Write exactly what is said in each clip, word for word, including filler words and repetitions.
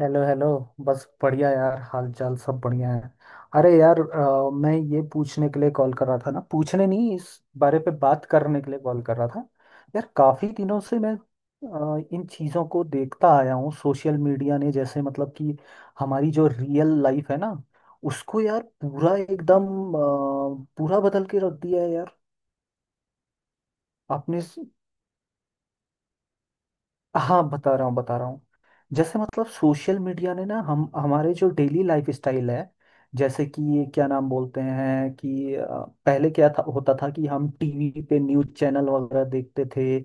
Hello hello. बस बढ़िया यार, हाल चाल सब बढ़िया है। अरे यार अ, मैं ये पूछने के लिए कॉल कर रहा था ना, पूछने नहीं, इस बारे पे बात करने के लिए कॉल कर रहा था। यार काफ़ी दिनों से मैं अ, इन चीज़ों को देखता आया हूँ। सोशल मीडिया ने जैसे मतलब कि हमारी जो रियल लाइफ है ना, उसको यार पूरा एकदम अ, पूरा बदल के रख दिया है यार आपने। हाँ, बता रहा हूँ बता रहा हूँ। जैसे मतलब सोशल मीडिया ने ना हम हमारे जो डेली लाइफ स्टाइल है, जैसे कि ये क्या नाम बोलते हैं कि अ, पहले क्या था, होता था कि हम टीवी पे न्यूज़ चैनल वगैरह देखते थे,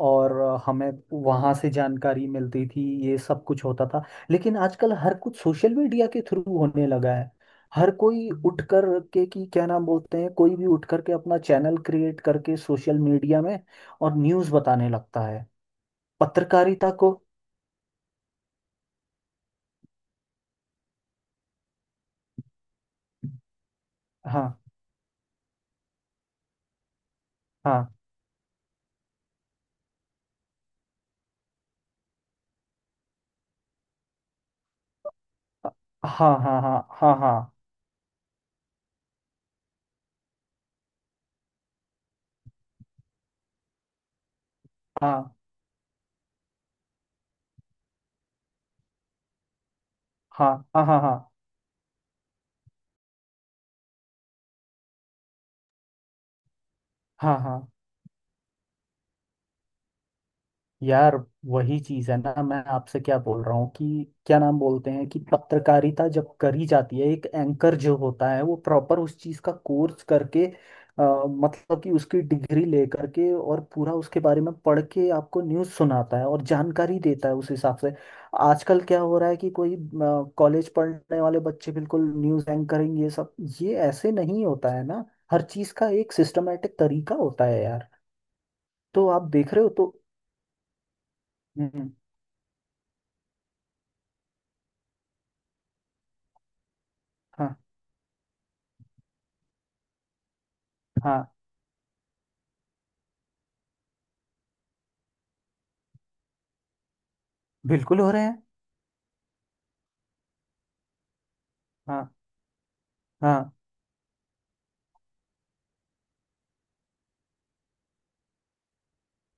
और अ, हमें वहाँ से जानकारी मिलती थी, ये सब कुछ होता था। लेकिन आजकल हर कुछ सोशल मीडिया के थ्रू होने लगा है। हर कोई उठ कर के कि क्या नाम बोलते हैं, कोई भी उठ कर के अपना चैनल क्रिएट करके सोशल मीडिया में और न्यूज़ बताने लगता है, पत्रकारिता को। हाँ हाँ हाँ हाँ हाँ हाँ हाँ हाँ हाँ हाँ हाँ हाँ हाँ हाँ हाँ। यार वही चीज है ना, मैं आपसे क्या बोल रहा हूँ कि क्या नाम बोलते हैं कि पत्रकारिता जब करी जाती है, एक एंकर जो होता है वो प्रॉपर उस चीज का कोर्स करके अ, मतलब कि उसकी डिग्री लेकर के और पूरा उसके बारे में पढ़ के आपको न्यूज़ सुनाता है और जानकारी देता है उस हिसाब से। आजकल क्या हो रहा है कि कोई कॉलेज पढ़ने वाले बच्चे बिल्कुल न्यूज़ एंकरिंग ये सब, ये ऐसे नहीं होता है ना। हर चीज का एक सिस्टमेटिक तरीका होता है यार। तो आप देख रहे हो तो। हम्म। हाँ हाँ। बिल्कुल हो रहे हैं। हाँ हाँ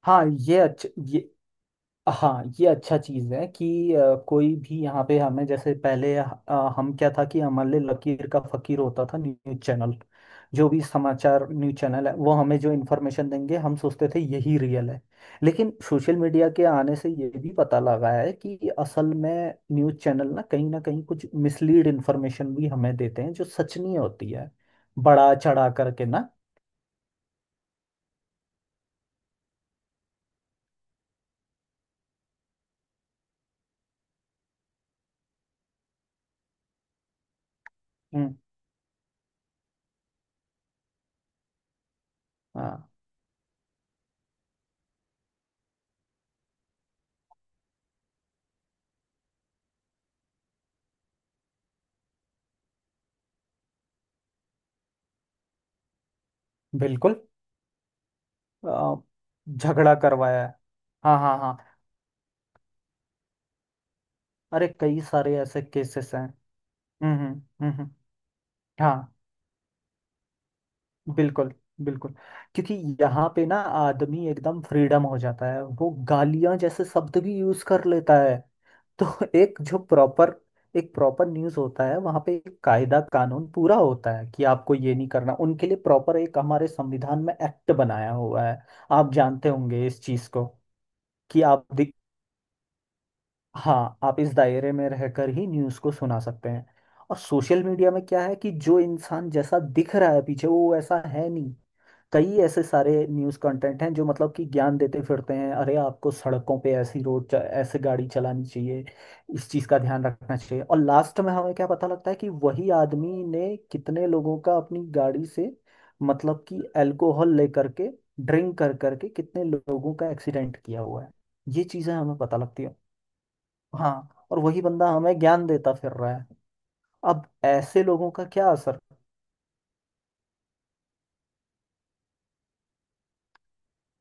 हाँ, ये अच्छा, ये हाँ, ये अच्छा चीज़ है कि अ, कोई भी यहाँ पे हमें, जैसे पहले अ, हम क्या था कि हमारे लकीर का फकीर होता था न्यूज़ चैनल। जो भी समाचार न्यूज़ चैनल है वो हमें जो इन्फॉर्मेशन देंगे, हम सोचते थे यही रियल है। लेकिन सोशल मीडिया के आने से ये भी पता लगा है कि असल में न्यूज़ चैनल ना कहीं ना कहीं कुछ मिसलीड इन्फॉर्मेशन भी हमें देते हैं जो सच नहीं होती है, बड़ा चढ़ा करके ना। हम्म। हाँ, बिल्कुल। अ, झगड़ा करवाया है। हाँ हाँ हाँ। अरे कई सारे ऐसे केसेस हैं। हम्म हम्म। हम्म हम्म। हाँ, बिल्कुल बिल्कुल। क्योंकि यहाँ पे ना आदमी एकदम फ्रीडम हो जाता है, वो गालियां जैसे शब्द भी यूज कर लेता है। तो एक जो प्रॉपर एक प्रॉपर न्यूज़ होता है, वहाँ पे एक कायदा कानून पूरा होता है कि आपको ये नहीं करना, उनके लिए प्रॉपर एक हमारे संविधान में एक्ट बनाया हुआ है। आप जानते होंगे इस चीज़ को, कि आप दि- हाँ, आप इस दायरे में रहकर ही न्यूज़ को सुना सकते हैं। और सोशल मीडिया में क्या है कि जो इंसान जैसा दिख रहा है, पीछे वो वैसा है नहीं। कई ऐसे सारे न्यूज़ कंटेंट हैं जो मतलब कि ज्ञान देते फिरते हैं, अरे आपको सड़कों पे ऐसी रोड च- ऐसे गाड़ी चलानी चाहिए, इस चीज़ का ध्यान रखना चाहिए, और लास्ट में हमें क्या पता लगता है कि वही आदमी ने कितने लोगों का अपनी गाड़ी से मतलब कि अल्कोहल लेकर के ड्रिंक कर करके कितने लोगों का एक्सीडेंट किया हुआ है। ये चीज़ें हमें पता लगती है। हाँ, और वही बंदा हमें ज्ञान देता फिर रहा है। अब ऐसे लोगों का क्या असर।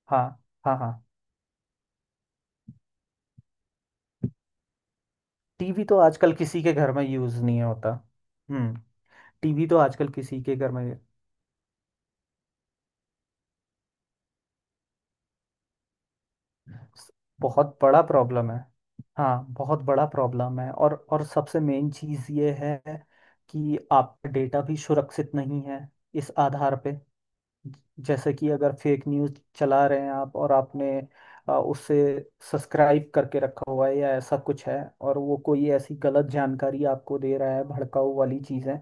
हाँ हाँ हाँ। टीवी तो आजकल किसी के घर में यूज नहीं होता। हम्म। टीवी तो आजकल किसी के घर में। बहुत बड़ा प्रॉब्लम है। हाँ, बहुत बड़ा प्रॉब्लम है, और और सबसे मेन चीज़ ये है कि आपका डेटा भी सुरक्षित नहीं है इस आधार पे। जैसे कि अगर फेक न्यूज़ चला रहे हैं आप, और आपने आ, उसे सब्सक्राइब करके रखा हुआ है या ऐसा कुछ है, और वो कोई ऐसी गलत जानकारी आपको दे रहा है, भड़काऊ वाली चीज़ें,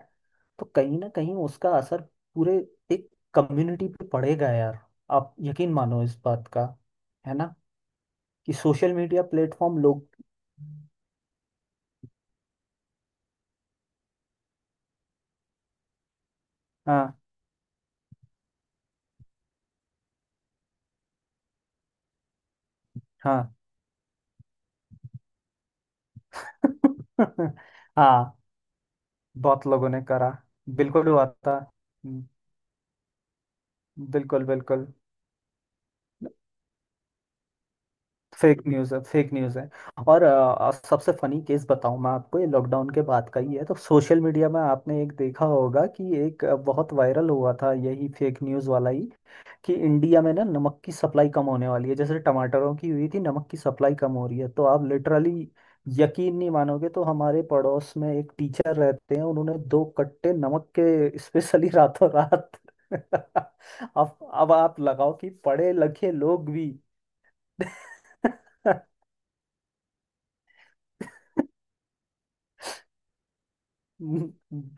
तो कहीं ना कहीं उसका असर पूरे एक कम्युनिटी पे पड़ेगा यार। आप यकीन मानो इस बात का, है ना, कि सोशल मीडिया प्लेटफॉर्म लोग। हाँ हाँ। हाँ, बहुत लोगों ने करा। बिल्कुल हुआ था। हम्म, बिल्कुल बिल्कुल। फेक न्यूज़ है, फेक न्यूज़ है। और अ, सबसे फनी केस बताऊं मैं आपको, ये लॉकडाउन के बाद का ही है। तो सोशल मीडिया में आपने एक देखा होगा कि एक अ, बहुत वायरल हुआ था यही फेक न्यूज़ वाला ही, कि इंडिया में ना नमक की सप्लाई कम होने वाली है, जैसे टमाटरों की हुई थी, नमक की सप्लाई कम हो रही है, तो आप लिटरली यकीन नहीं मानोगे, तो हमारे पड़ोस में एक टीचर रहते हैं, उन्होंने दो कट्टे नमक के स्पेशली रातों रात अब अब आप लगाओ कि पढ़े लिखे लोग भी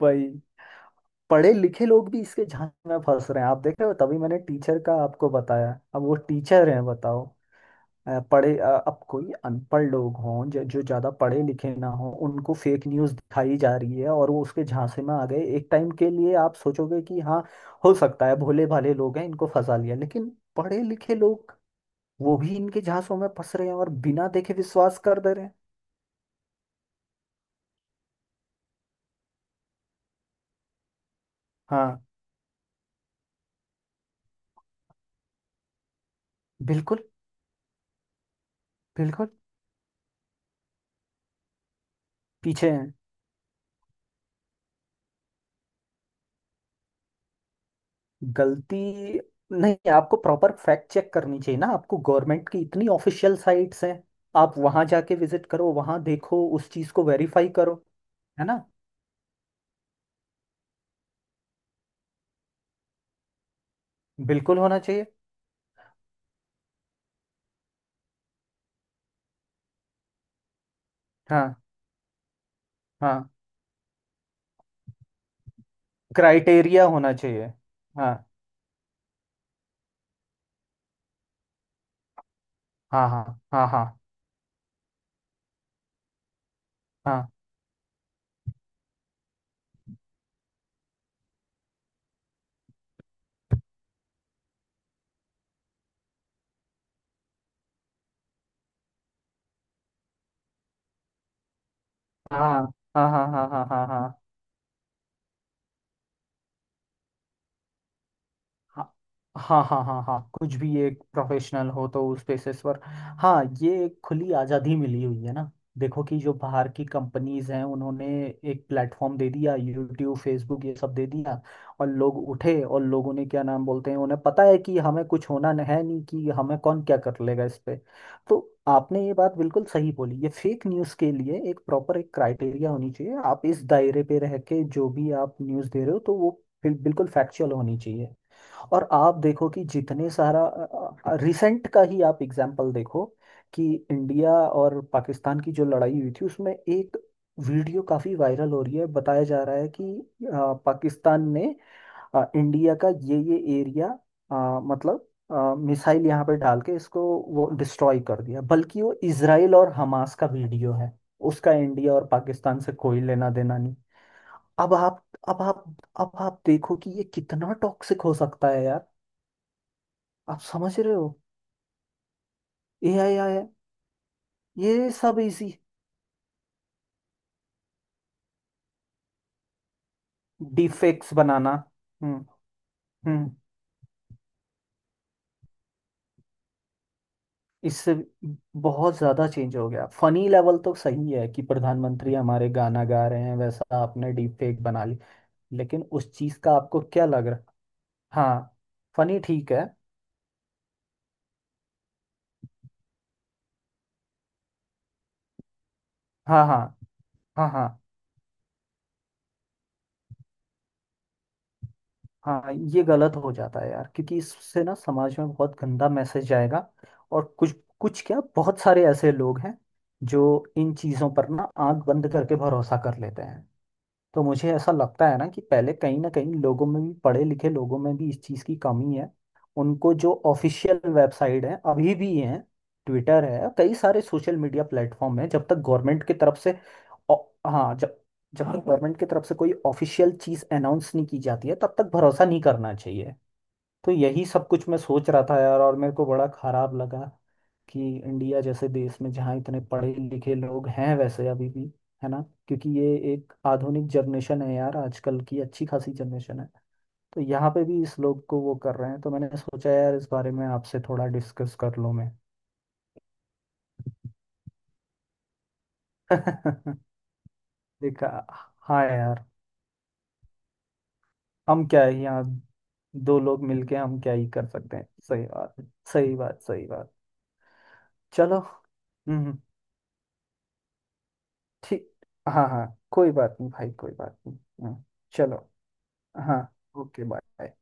भाई पढ़े लिखे लोग भी इसके झांसे में फंस रहे हैं। आप देखे हो, तभी मैंने टीचर का आपको बताया, अब वो टीचर हैं बताओ। अ, पढ़े अ, अब कोई अनपढ़ लोग हों जो जो ज्यादा पढ़े लिखे ना हों, उनको फेक न्यूज दिखाई जा रही है और वो उसके झांसे में आ गए, एक टाइम के लिए आप सोचोगे कि हाँ, हो सकता है भोले भाले लोग हैं, इनको फंसा लिया, लेकिन पढ़े लिखे लोग वो भी इनके झांसों में फंस रहे हैं और बिना देखे विश्वास कर दे रहे हैं। हाँ, बिल्कुल बिल्कुल। पीछे हैं। गलती नहीं, आपको प्रॉपर फैक्ट चेक करनी चाहिए ना, आपको गवर्नमेंट की इतनी ऑफिशियल साइट्स हैं, आप वहां जाके विजिट करो, वहां देखो, उस चीज को वेरीफाई करो। है ना, बिल्कुल होना चाहिए। हाँ हाँ, क्राइटेरिया होना चाहिए। हाँ हाँ हाँ हाँ हाँ हाँ हाँ हाँ हाँ हाँ हाँ हाँ हाँ हाँ हाँ हाँ हाँ हाँ हाँ, कुछ भी एक प्रोफेशनल हो तो उस बेसिस पर। हाँ, ये एक खुली आज़ादी मिली हुई है ना। देखो कि जो बाहर की कंपनीज हैं उन्होंने एक प्लेटफॉर्म दे दिया, यूट्यूब फेसबुक ये सब दे दिया, और लोग उठे और लोगों ने क्या नाम बोलते हैं, उन्हें पता है कि हमें कुछ होना न- है नहीं, कि हमें कौन क्या कर लेगा इस पे। तो आपने ये बात बिल्कुल सही बोली, ये फेक न्यूज़ के लिए एक प्रॉपर एक क्राइटेरिया होनी चाहिए, आप इस दायरे पे रह के जो भी आप न्यूज़ दे रहे हो तो वो बिल- बिल्कुल फैक्चुअल होनी चाहिए। और आप देखो कि जितने सारा रिसेंट का ही आप एग्जाम्पल देखो, कि इंडिया और पाकिस्तान की जो लड़ाई हुई थी उसमें एक वीडियो काफी वायरल हो रही है, बताया जा रहा है कि अ, पाकिस्तान ने अ, इंडिया का ये ये एरिया अ, मतलब मिसाइल यहाँ पे डाल के इसको वो डिस्ट्रॉय कर दिया, बल्कि वो इसराइल और हमास का वीडियो है, उसका इंडिया और पाकिस्तान से कोई लेना देना नहीं। अब आप अब आप अब आप देखो कि ये कितना टॉक्सिक हो सकता है यार। आप समझ रहे हो। ए आई आया है, ये सब इजी, डिफेक्ट्स बनाना। हम्म हम्म। इससे बहुत ज्यादा चेंज हो गया। फनी लेवल तो सही है कि प्रधानमंत्री हमारे गाना गा रहे हैं, वैसा आपने डिफेक्ट बना ली। लेकिन उस चीज का आपको क्या लग रहा। हाँ, फनी ठीक है। हाँ हाँ हाँ हाँ हाँ, ये गलत हो जाता है यार, क्योंकि इससे ना समाज में बहुत गंदा मैसेज जाएगा, और कुछ कुछ क्या, बहुत सारे ऐसे लोग हैं जो इन चीज़ों पर ना आंख बंद करके भरोसा कर लेते हैं। तो मुझे ऐसा लगता है ना कि पहले कहीं ना कहीं लोगों में भी, पढ़े लिखे लोगों में भी इस चीज़ की कमी है। उनको जो ऑफिशियल वेबसाइट है अभी भी है, ट्विटर है, कई सारे सोशल मीडिया प्लेटफॉर्म है, जब तक गवर्नमेंट की तरफ से औ- हाँ, जब जब तक गवर्नमेंट की तरफ से कोई ऑफिशियल चीज़ अनाउंस नहीं की जाती है, तब तक भरोसा नहीं करना चाहिए। तो यही सब कुछ मैं सोच रहा था यार, और मेरे को बड़ा खराब लगा कि इंडिया जैसे देश में जहाँ इतने पढ़े लिखे लोग हैं, वैसे अभी भी है ना। क्योंकि ये एक आधुनिक जनरेशन है यार, आजकल की अच्छी खासी जनरेशन है, तो यहाँ पे भी इस लोग को वो कर रहे हैं। तो मैंने सोचा यार, इस बारे में आपसे थोड़ा डिस्कस कर लूँ मैं। देखा। हाँ यार, हम क्या है यहाँ, दो लोग मिलके हम क्या ही कर सकते हैं। सही बात, सही बात, सही बात। चलो। हम्म। ठीक। हाँ हाँ, कोई बात नहीं भाई, कोई बात नहीं। हाँ, चलो। हाँ, ओके बाय।